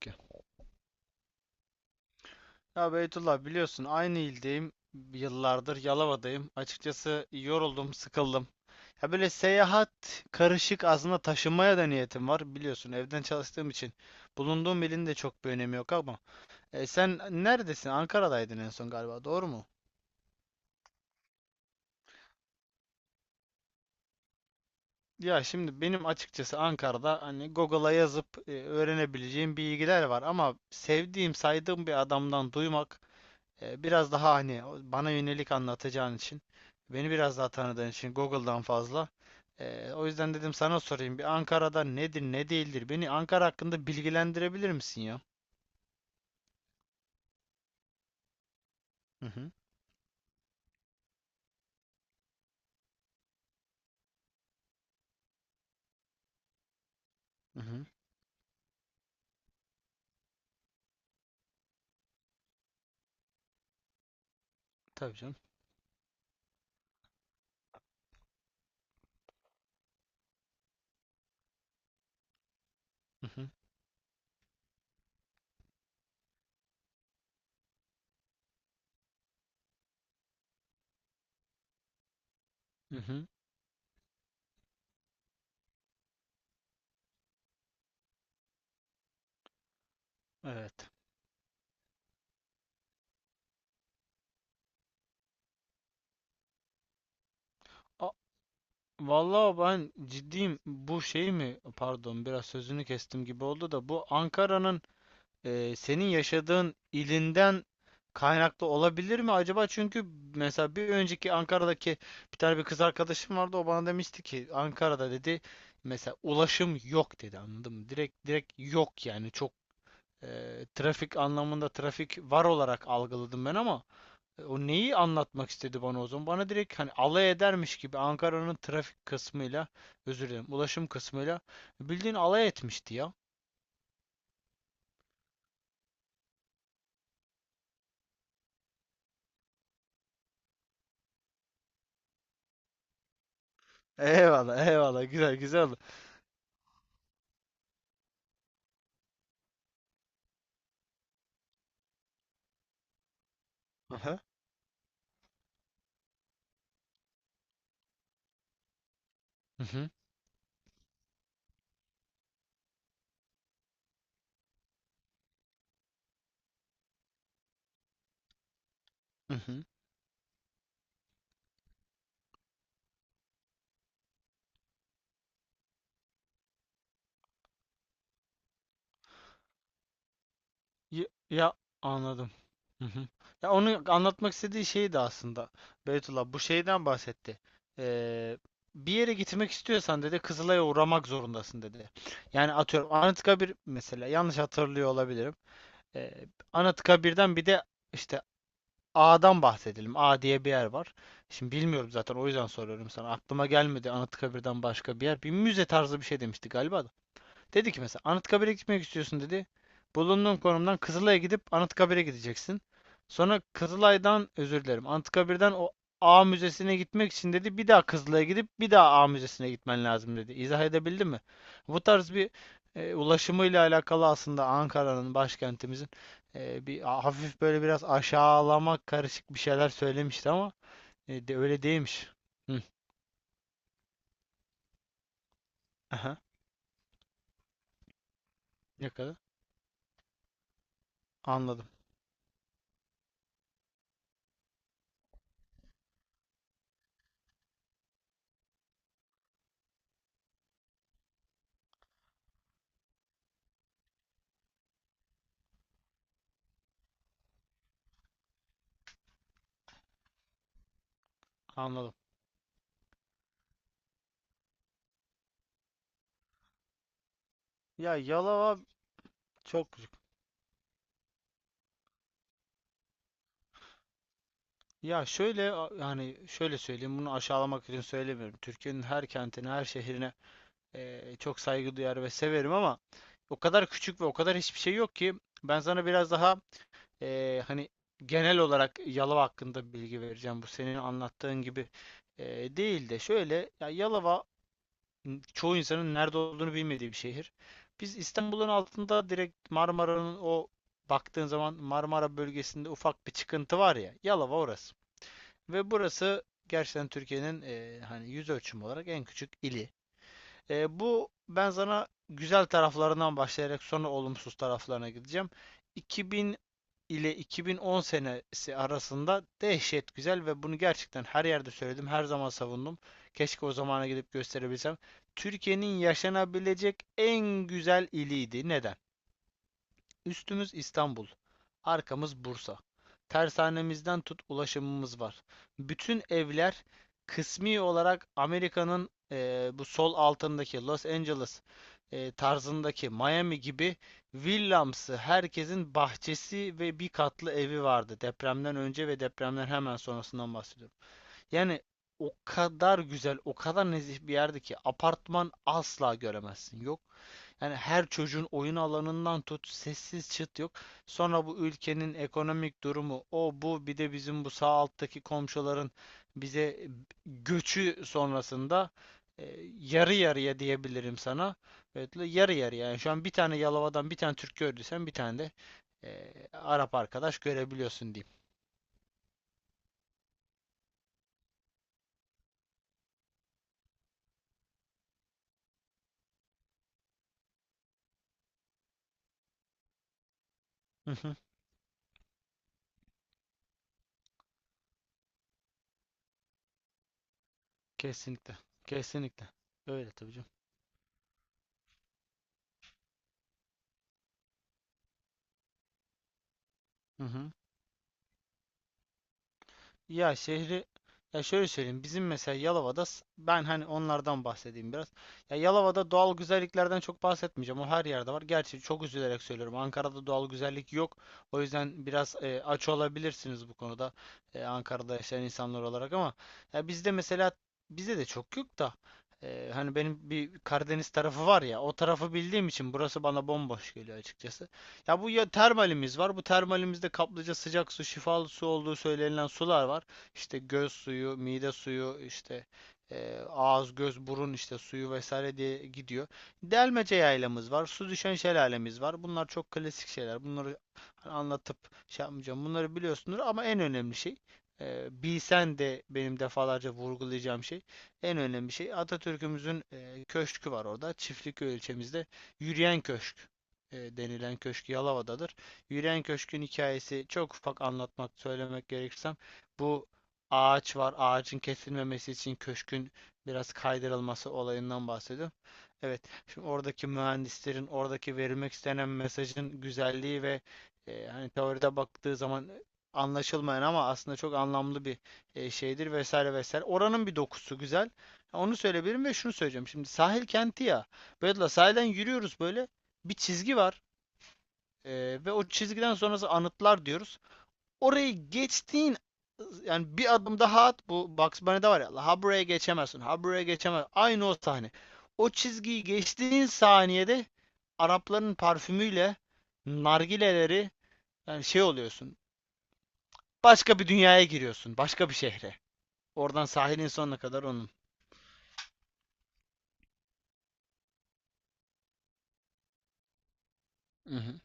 Ki. Ya Beytullah biliyorsun aynı ildeyim. Yıllardır Yalova'dayım. Açıkçası yoruldum, sıkıldım. Ya böyle seyahat karışık aslında taşınmaya da niyetim var. Biliyorsun evden çalıştığım için bulunduğum ilin de çok bir önemi yok ama. Sen neredesin? Ankara'daydın en son galiba, doğru mu? Ya şimdi benim açıkçası Ankara'da hani Google'a yazıp öğrenebileceğim bilgiler var ama sevdiğim, saydığım bir adamdan duymak. Biraz daha hani bana yönelik anlatacağın için, beni biraz daha tanıdığın için Google'dan fazla. O yüzden dedim sana sorayım. Bir Ankara'da nedir, ne değildir? Beni Ankara hakkında bilgilendirebilir misin ya? Hı hı. Hı hı. Tabii canım. Hı hı. Hı hı. Evet. A- Vallahi ben ciddiyim. Bu şey mi? Pardon, biraz sözünü kestim gibi oldu da bu Ankara'nın senin yaşadığın ilinden kaynaklı olabilir mi acaba? Çünkü mesela bir önceki Ankara'daki bir tane bir kız arkadaşım vardı. O bana demişti ki Ankara'da dedi mesela ulaşım yok dedi anladın mı? Direkt direkt yok yani çok trafik anlamında trafik var olarak algıladım ben ama o neyi anlatmak istedi bana o zaman? Bana direkt hani alay edermiş gibi Ankara'nın trafik kısmıyla özür dilerim ulaşım kısmıyla bildiğin alay etmişti ya. Eyvallah eyvallah, güzel güzel. Hı hı. Hı hı. Ya, ya anladım. Hı hı. Ya onu anlatmak istediği şeydi aslında. Beytullah bu şeyden bahsetti. Ee, Bir yere gitmek istiyorsan dedi Kızılay'a uğramak zorundasın dedi. Yani atıyorum Anıtkabir mesela, yanlış hatırlıyor olabilirim. Ee, Anıtkabir'den bir de işte A'dan bahsedelim. A diye bir yer var. Şimdi bilmiyorum zaten, o yüzden soruyorum sana. Aklıma gelmedi Anıtkabir'den başka bir yer. Bir müze tarzı bir şey demişti galiba da. Dedi ki mesela Anıtkabir'e gitmek istiyorsun dedi. Bulunduğun konumdan Kızılay'a gidip Anıtkabir'e gideceksin. Sonra Kızılay'dan özür dilerim. Anıtkabir'den o A Müzesi'ne gitmek için dedi bir daha Kızılay'a gidip bir daha A Müzesi'ne gitmen lazım dedi. İzah edebildim mi? Bu tarz bir ulaşımıyla alakalı aslında Ankara'nın, başkentimizin, bir hafif böyle biraz aşağılama karışık bir şeyler söylemişti ama de öyle değilmiş. Hı. Aha. Ne kadar? Anladım. Anladım. Ya Yalova çok. Ya şöyle, yani şöyle söyleyeyim, bunu aşağılamak için söylemiyorum. Türkiye'nin her kentine, her şehrine çok saygı duyar ve severim ama o kadar küçük ve o kadar hiçbir şey yok ki ben sana biraz daha hani genel olarak Yalova hakkında bilgi vereceğim. Bu senin anlattığın gibi değil de, şöyle, ya Yalova çoğu insanın nerede olduğunu bilmediği bir şehir. Biz İstanbul'un altında direkt Marmara'nın o, baktığın zaman Marmara bölgesinde ufak bir çıkıntı var ya, Yalova orası. Ve burası gerçekten Türkiye'nin hani yüz ölçümü olarak en küçük ili. Bu, ben sana güzel taraflarından başlayarak sonra olumsuz taraflarına gideceğim. 2000 ile 2010 senesi arasında dehşet güzel ve bunu gerçekten her yerde söyledim, her zaman savundum. Keşke o zamana gidip gösterebilsem. Türkiye'nin yaşanabilecek en güzel iliydi. Neden? Üstümüz İstanbul, arkamız Bursa. Tersanemizden tut, ulaşımımız var. Bütün evler kısmi olarak Amerika'nın bu sol altındaki Los Angeles tarzındaki Miami gibi villamsı, herkesin bahçesi ve bir katlı evi vardı. Depremden önce ve depremden hemen sonrasından bahsediyorum. Yani o kadar güzel, o kadar nezih bir yerdi ki apartman asla göremezsin. Yok yani, her çocuğun oyun alanından tut, sessiz, çıt yok. Sonra bu ülkenin ekonomik durumu, o bu, bir de bizim bu sağ alttaki komşuların bize göçü sonrasında yarı yarıya diyebilirim sana. Evet, yarı yarıya. Yani şu an bir tane Yalova'dan bir tane Türk gördüysen bir tane de Arap arkadaş görebiliyorsun diyeyim. Hı hı, kesinlikle. Kesinlikle. Öyle tabii canım. Hı hı. Ya şehri, ya şöyle söyleyeyim, bizim mesela Yalova'da ben hani onlardan bahsedeyim biraz. Ya Yalova'da doğal güzelliklerden çok bahsetmeyeceğim. O her yerde var. Gerçi çok üzülerek söylüyorum, Ankara'da doğal güzellik yok. O yüzden biraz aç olabilirsiniz bu konuda, Ankara'da yaşayan insanlar olarak, ama ya bizde mesela, bizde de çok yok da hani benim bir Karadeniz tarafı var ya, o tarafı bildiğim için burası bana bomboş geliyor açıkçası. Ya bu, ya termalimiz var. Bu termalimizde kaplıca, sıcak su, şifalı su olduğu söylenilen sular var. İşte göz suyu, mide suyu, işte ağız, göz, burun işte suyu vesaire diye gidiyor. Delmece yaylamız var. Su düşen şelalemiz var. Bunlar çok klasik şeyler. Bunları hani anlatıp şey yapmayacağım. Bunları biliyorsunuz ama en önemli şey, bilsen de benim defalarca vurgulayacağım şey, en önemli şey Atatürk'ümüzün köşkü var orada. Çiftlikköy ilçemizde yürüyen köşk denilen köşk Yalova'dadır. Yürüyen Köşk'ün hikayesi, çok ufak anlatmak, söylemek gerekirsem, bu ağaç var. Ağacın kesilmemesi için köşkün biraz kaydırılması olayından bahsediyorum. Evet, şimdi oradaki mühendislerin, oradaki verilmek istenen mesajın güzelliği ve hani teoride baktığı zaman anlaşılmayan ama aslında çok anlamlı bir şeydir vesaire vesaire. Oranın bir dokusu güzel. Onu söyleyebilirim ve şunu söyleyeceğim. Şimdi sahil kenti ya. Böyle la sahilden yürüyoruz, böyle bir çizgi var e, ve o çizgiden sonrası anıtlar diyoruz. Orayı geçtiğin, yani bir adım daha at, bu Bugs Bunny'de var ya, ha buraya geçemezsin ha buraya geçemez, aynı o sahne. O çizgiyi geçtiğin saniyede Arapların parfümüyle nargileleri, yani şey oluyorsun. Başka bir dünyaya giriyorsun. Başka bir şehre. Oradan sahilin sonuna kadar onun. Hı hı.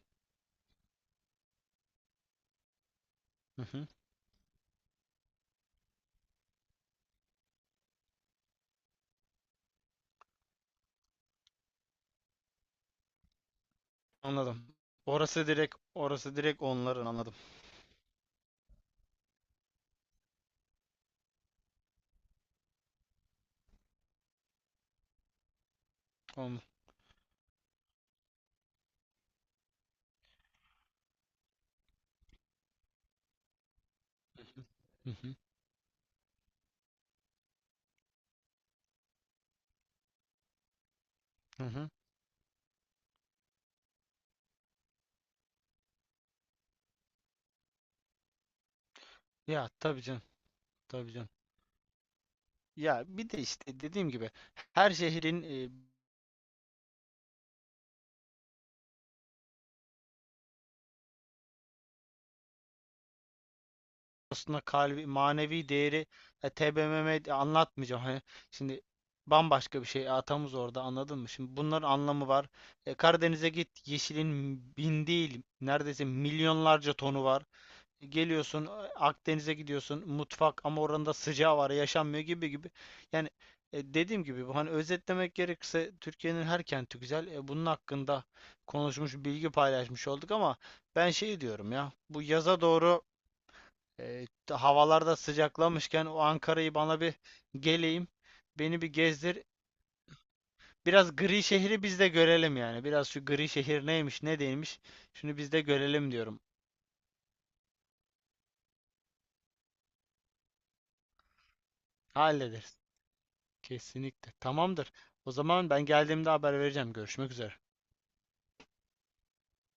Hı hı. Anladım. Orası direkt, orası direkt onların, anladım. Tamam. Hı hı. Hı hı. Ya tabii canım. Tabii canım. Ya bir de işte dediğim gibi, her şehrin aslında kalbi, manevi değeri, TBMM de anlatmayacağım. Hani şimdi bambaşka bir şey, atamız orada, anladın mı? Şimdi bunların anlamı var. Karadeniz'e git, yeşilin bin değil neredeyse milyonlarca tonu var. Geliyorsun Akdeniz'e gidiyorsun, mutfak, ama oranın da sıcağı var, yaşanmıyor gibi gibi. Yani dediğim gibi, bu hani özetlemek gerekirse, Türkiye'nin her kenti güzel. Bunun hakkında konuşmuş, bilgi paylaşmış olduk ama ben şey diyorum ya, bu yaza doğru, havalarda sıcaklamışken o Ankara'yı bana bir, geleyim, beni bir gezdir. Biraz gri şehri biz de görelim yani. Biraz şu gri şehir neymiş ne değilmiş, şunu biz de görelim diyorum. Hallederiz. Kesinlikle. Tamamdır. O zaman ben geldiğimde haber vereceğim. Görüşmek üzere.